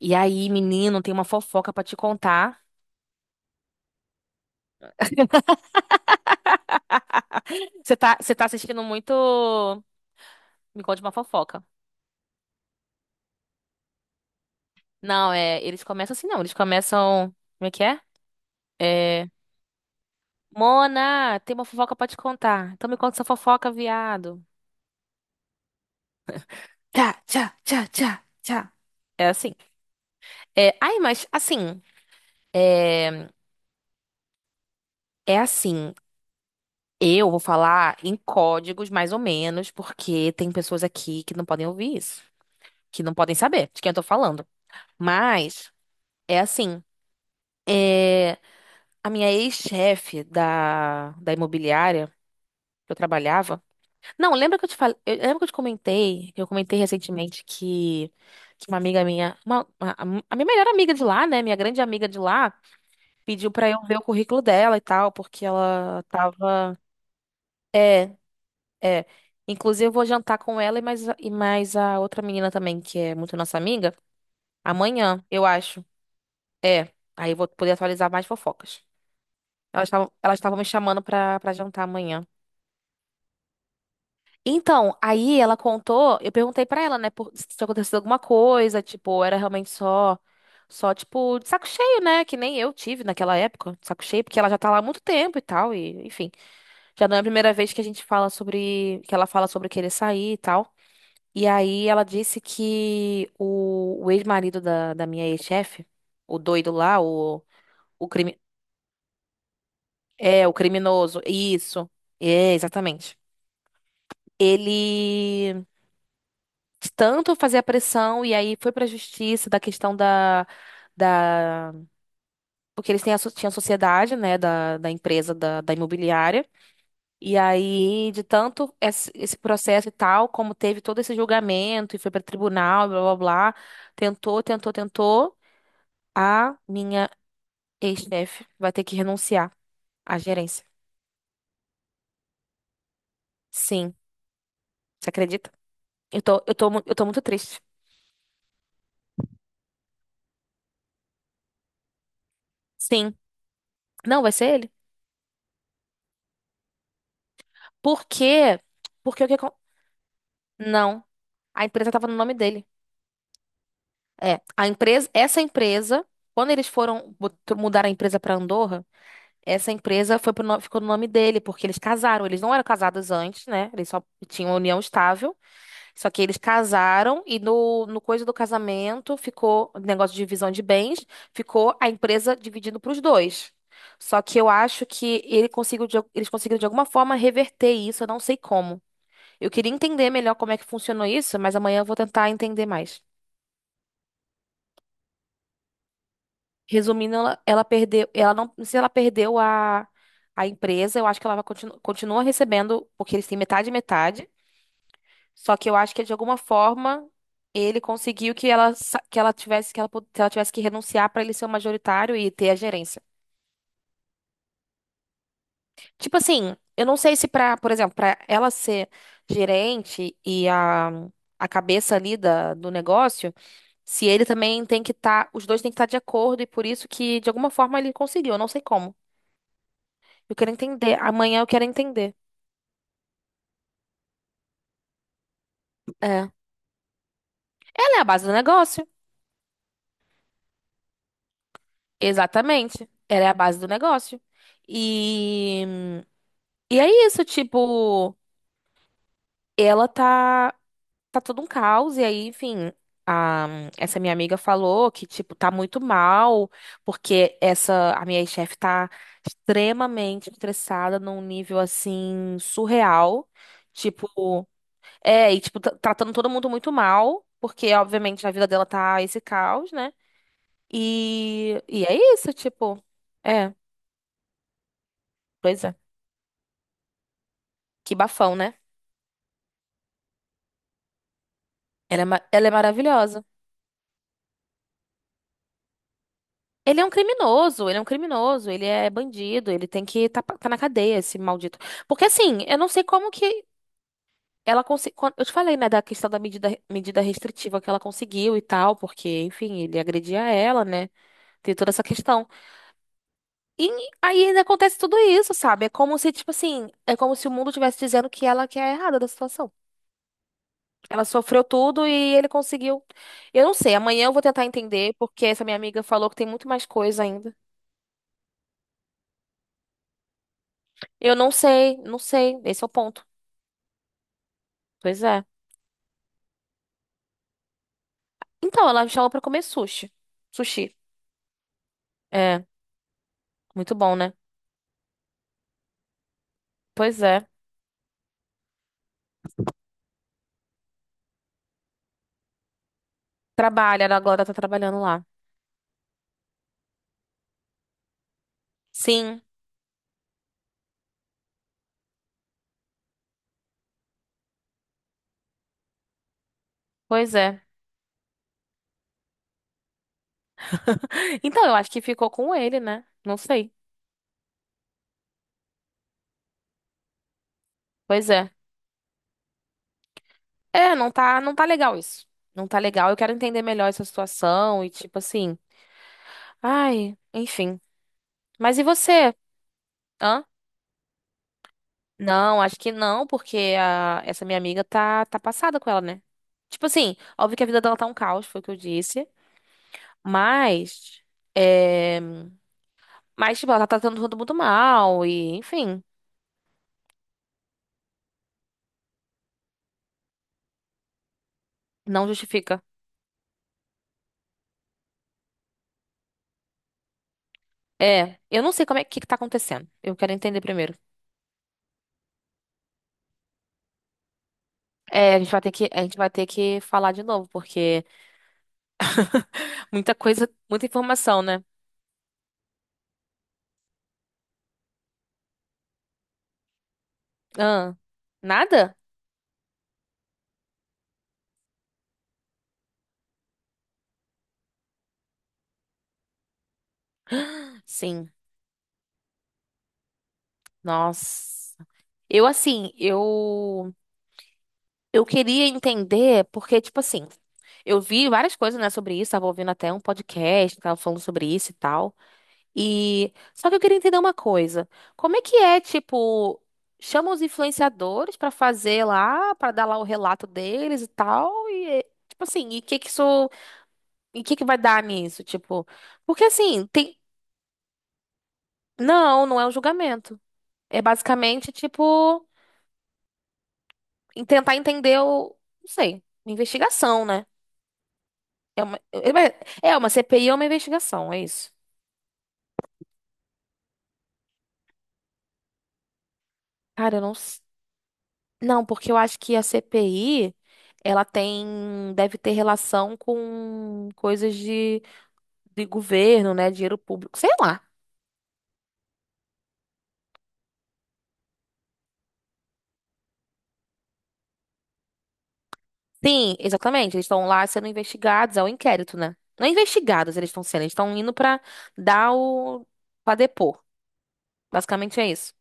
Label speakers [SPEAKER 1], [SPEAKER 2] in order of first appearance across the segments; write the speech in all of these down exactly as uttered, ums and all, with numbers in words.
[SPEAKER 1] E aí, menino, tem uma fofoca pra te contar. Você tá, você tá assistindo muito. Me conte uma fofoca. Não, é. Eles começam assim, não. Eles começam. Como é que é? É. Mona, tem uma fofoca pra te contar. Então me conta essa fofoca, viado. Tchá, tchá, tchá, tchá, tchá. É assim. É, ai, mas assim. É, é assim. Eu vou falar em códigos, mais ou menos, porque tem pessoas aqui que não podem ouvir isso, que não podem saber de quem eu tô falando. Mas é assim. É, a minha ex-chefe da, da imobiliária que eu trabalhava. Não, lembra que eu te falei, eu, lembra que eu te comentei, que eu comentei recentemente que, que uma amiga minha, uma, a, a minha melhor amiga de lá, né, minha grande amiga de lá, pediu pra eu ver o currículo dela e tal, porque ela tava, é, é. Inclusive eu vou jantar com ela e mais, a- e mais a outra menina também, que é muito nossa amiga, amanhã, eu acho. É. Aí eu vou poder atualizar mais fofocas. Elas estavam, elas estavam me chamando pra, pra jantar amanhã. Então, aí ela contou, eu perguntei pra ela, né, por, se tinha acontecido alguma coisa, tipo, era realmente só, só, tipo, de saco cheio, né, que nem eu tive naquela época, de saco cheio, porque ela já tá lá há muito tempo e tal, e, enfim, já não é a primeira vez que a gente fala sobre, que ela fala sobre querer sair e tal. E aí ela disse que o, o ex-marido da, da minha ex-chefe, o doido lá, o, o crime, é, o criminoso, isso, é, exatamente. Ele tanto fazia pressão e aí foi pra justiça da questão da, da porque eles têm a, so- tinha a sociedade, né, da, da empresa da, da imobiliária. E aí, de tanto esse, esse processo e tal, como teve todo esse julgamento e foi pra tribunal, blá blá blá, tentou, tentou, tentou, a minha ex-chefe vai ter que renunciar à gerência. Sim, você acredita? Eu tô, eu tô, mu- eu tô muito triste. Sim. Não, vai ser ele. Porque porque o que, acon- não. A empresa estava no nome dele. É, a empresa, essa empresa, quando eles foram bot- mudar a empresa para Andorra, essa empresa foi pro no- ficou no nome dele, porque eles casaram. Eles não eram casados antes, né? Eles só tinham uma união estável. Só que eles casaram e no, no coisa do casamento ficou o negócio de divisão de bens, ficou a empresa dividindo para os dois. Só que eu acho que ele conseguiu de al- eles conseguiram de alguma forma reverter isso, eu não sei como. Eu queria entender melhor como é que funcionou isso, mas amanhã eu vou tentar entender mais. Resumindo, ela, ela perdeu, ela não, não sei se ela perdeu a, a empresa, eu acho que ela vai continu, continua recebendo, porque eles têm metade e metade, só que eu acho que de alguma forma ele conseguiu que ela sa- que ela tivesse que ela, pu- que ela tivesse que renunciar para ele ser o majoritário e ter a gerência. Tipo assim, eu não sei se pra, por exemplo, pra ela ser gerente e a, a cabeça ali da, do negócio, se ele também tem que estar, os dois têm que estar de acordo e por isso que de alguma forma ele conseguiu, eu não sei como. Eu quero entender, amanhã eu quero entender. É. Ela é a base do negócio. Exatamente. Ela é a base do negócio. E, e é isso, tipo, ela tá. Tá todo um caos. E aí, enfim, a- essa minha amiga falou que, tipo, tá muito mal, porque essa, a minha chefe tá extremamente estressada num nível, assim, surreal. Tipo, é, e, tipo, tra- tratando todo mundo muito mal, porque, obviamente, a vida dela tá esse caos, né? E, e é isso, tipo, é, pois é, que bafão, né? Ela é, ma- ela é maravilhosa. Ele é um criminoso, ele é um criminoso, ele é bandido, ele tem que tá, pa- tá na cadeia, esse maldito. Porque assim, eu não sei como que ela conseguiu. Eu te falei, né, da questão da medida, medida restritiva que ela conseguiu e tal, porque, enfim, ele agredia ela, né? Tem toda essa questão. E aí ainda acontece tudo isso, sabe? É como se, tipo assim, é como se o mundo estivesse dizendo que ela que é a errada da situação. Ela sofreu tudo e ele conseguiu. Eu não sei, amanhã eu vou tentar entender, porque essa minha amiga falou que tem muito mais coisa ainda. Eu não sei, não sei, esse é o ponto. Pois é. Então, ela me chamou pra comer sushi. Sushi. É, muito bom, né? Pois é. Trabalha, a Glória tá trabalhando lá. Sim, pois é. Então, eu acho que ficou com ele, né? Não sei. Pois é. É, não tá, não tá legal isso. Não tá legal. Eu quero entender melhor essa situação e tipo assim. Ai, enfim. Mas e você? Hã? Não, acho que não, porque a, essa minha amiga tá, tá passada com ela, né? Tipo assim, óbvio que a vida dela tá um caos, foi o que eu disse. Mas. É. Mas, tipo, ela tá tratando todo mundo mal e, enfim, não justifica. É, eu não sei como é que que tá acontecendo. Eu quero entender primeiro. É, a gente vai ter que, a gente vai ter que falar de novo, porque muita coisa, muita informação, né? Ah, nada? Sim. Nossa. Eu, assim, eu, eu queria entender, porque, tipo assim, eu vi várias coisas, né, sobre isso, tava ouvindo até um podcast, que tava falando sobre isso e tal. E só que eu queria entender uma coisa. Como é que é, tipo, chama os influenciadores pra fazer lá, pra dar lá o relato deles e tal, e é, tipo assim, e que que isso, e que que vai dar nisso, tipo? Porque assim, tem não, não é um julgamento. É basicamente tipo em tentar entender o, não sei, uma investigação, né? É uma, é uma é uma C P I ou uma investigação, é isso. Cara, eu não, não, porque eu acho que a C P I, ela tem, deve ter relação com coisas de, de governo, né? Dinheiro público, sei lá. Sim, exatamente. Eles estão lá sendo investigados, é o inquérito, né? Não é investigados, eles estão sendo, eles estão indo pra dar o, pra depor. Basicamente é isso.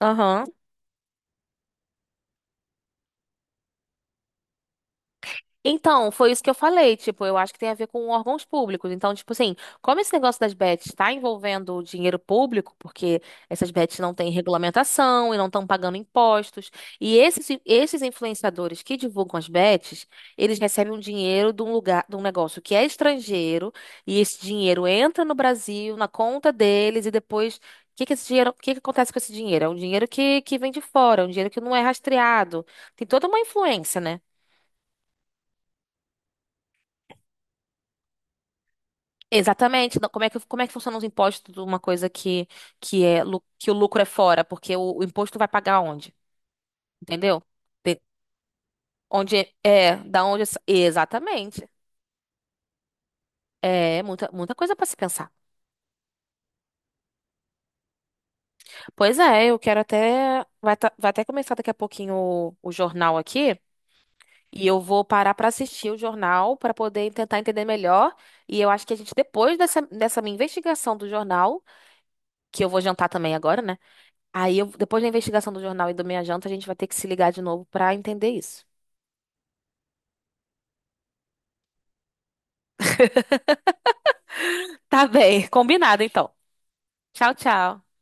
[SPEAKER 1] Aham, então, foi isso que eu falei, tipo, eu acho que tem a ver com órgãos públicos. Então, tipo assim, como esse negócio das bets está envolvendo dinheiro público, porque essas bets não têm regulamentação e não estão pagando impostos, e esses, esses influenciadores que divulgam as bets, eles recebem um dinheiro de um lugar, de um negócio que é estrangeiro, e esse dinheiro entra no Brasil, na conta deles, e depois, o que que esse dinheiro, o que que acontece com esse dinheiro? É um dinheiro que, que vem de fora, é um dinheiro que não é rastreado. Tem toda uma influência, né? Exatamente. Não, como é que, como é que funcionam os impostos de uma coisa que, que, é, lu- que o lucro é fora? Porque o, o imposto vai pagar onde? Entendeu? De- onde é, é, da onde. essa- Exatamente. É muita, muita coisa para se pensar. Pois é, eu quero até. Vai, tá- vai até começar daqui a pouquinho o, o jornal aqui. E eu vou parar para assistir o jornal para poder tentar entender melhor. E eu acho que a gente, depois dessa, dessa minha investigação do jornal, que eu vou jantar também agora, né? Aí, eu- depois da investigação do jornal e do meia Janta, a gente vai ter que se ligar de novo pra entender isso. Tá bem. Combinado, então. Tchau, tchau.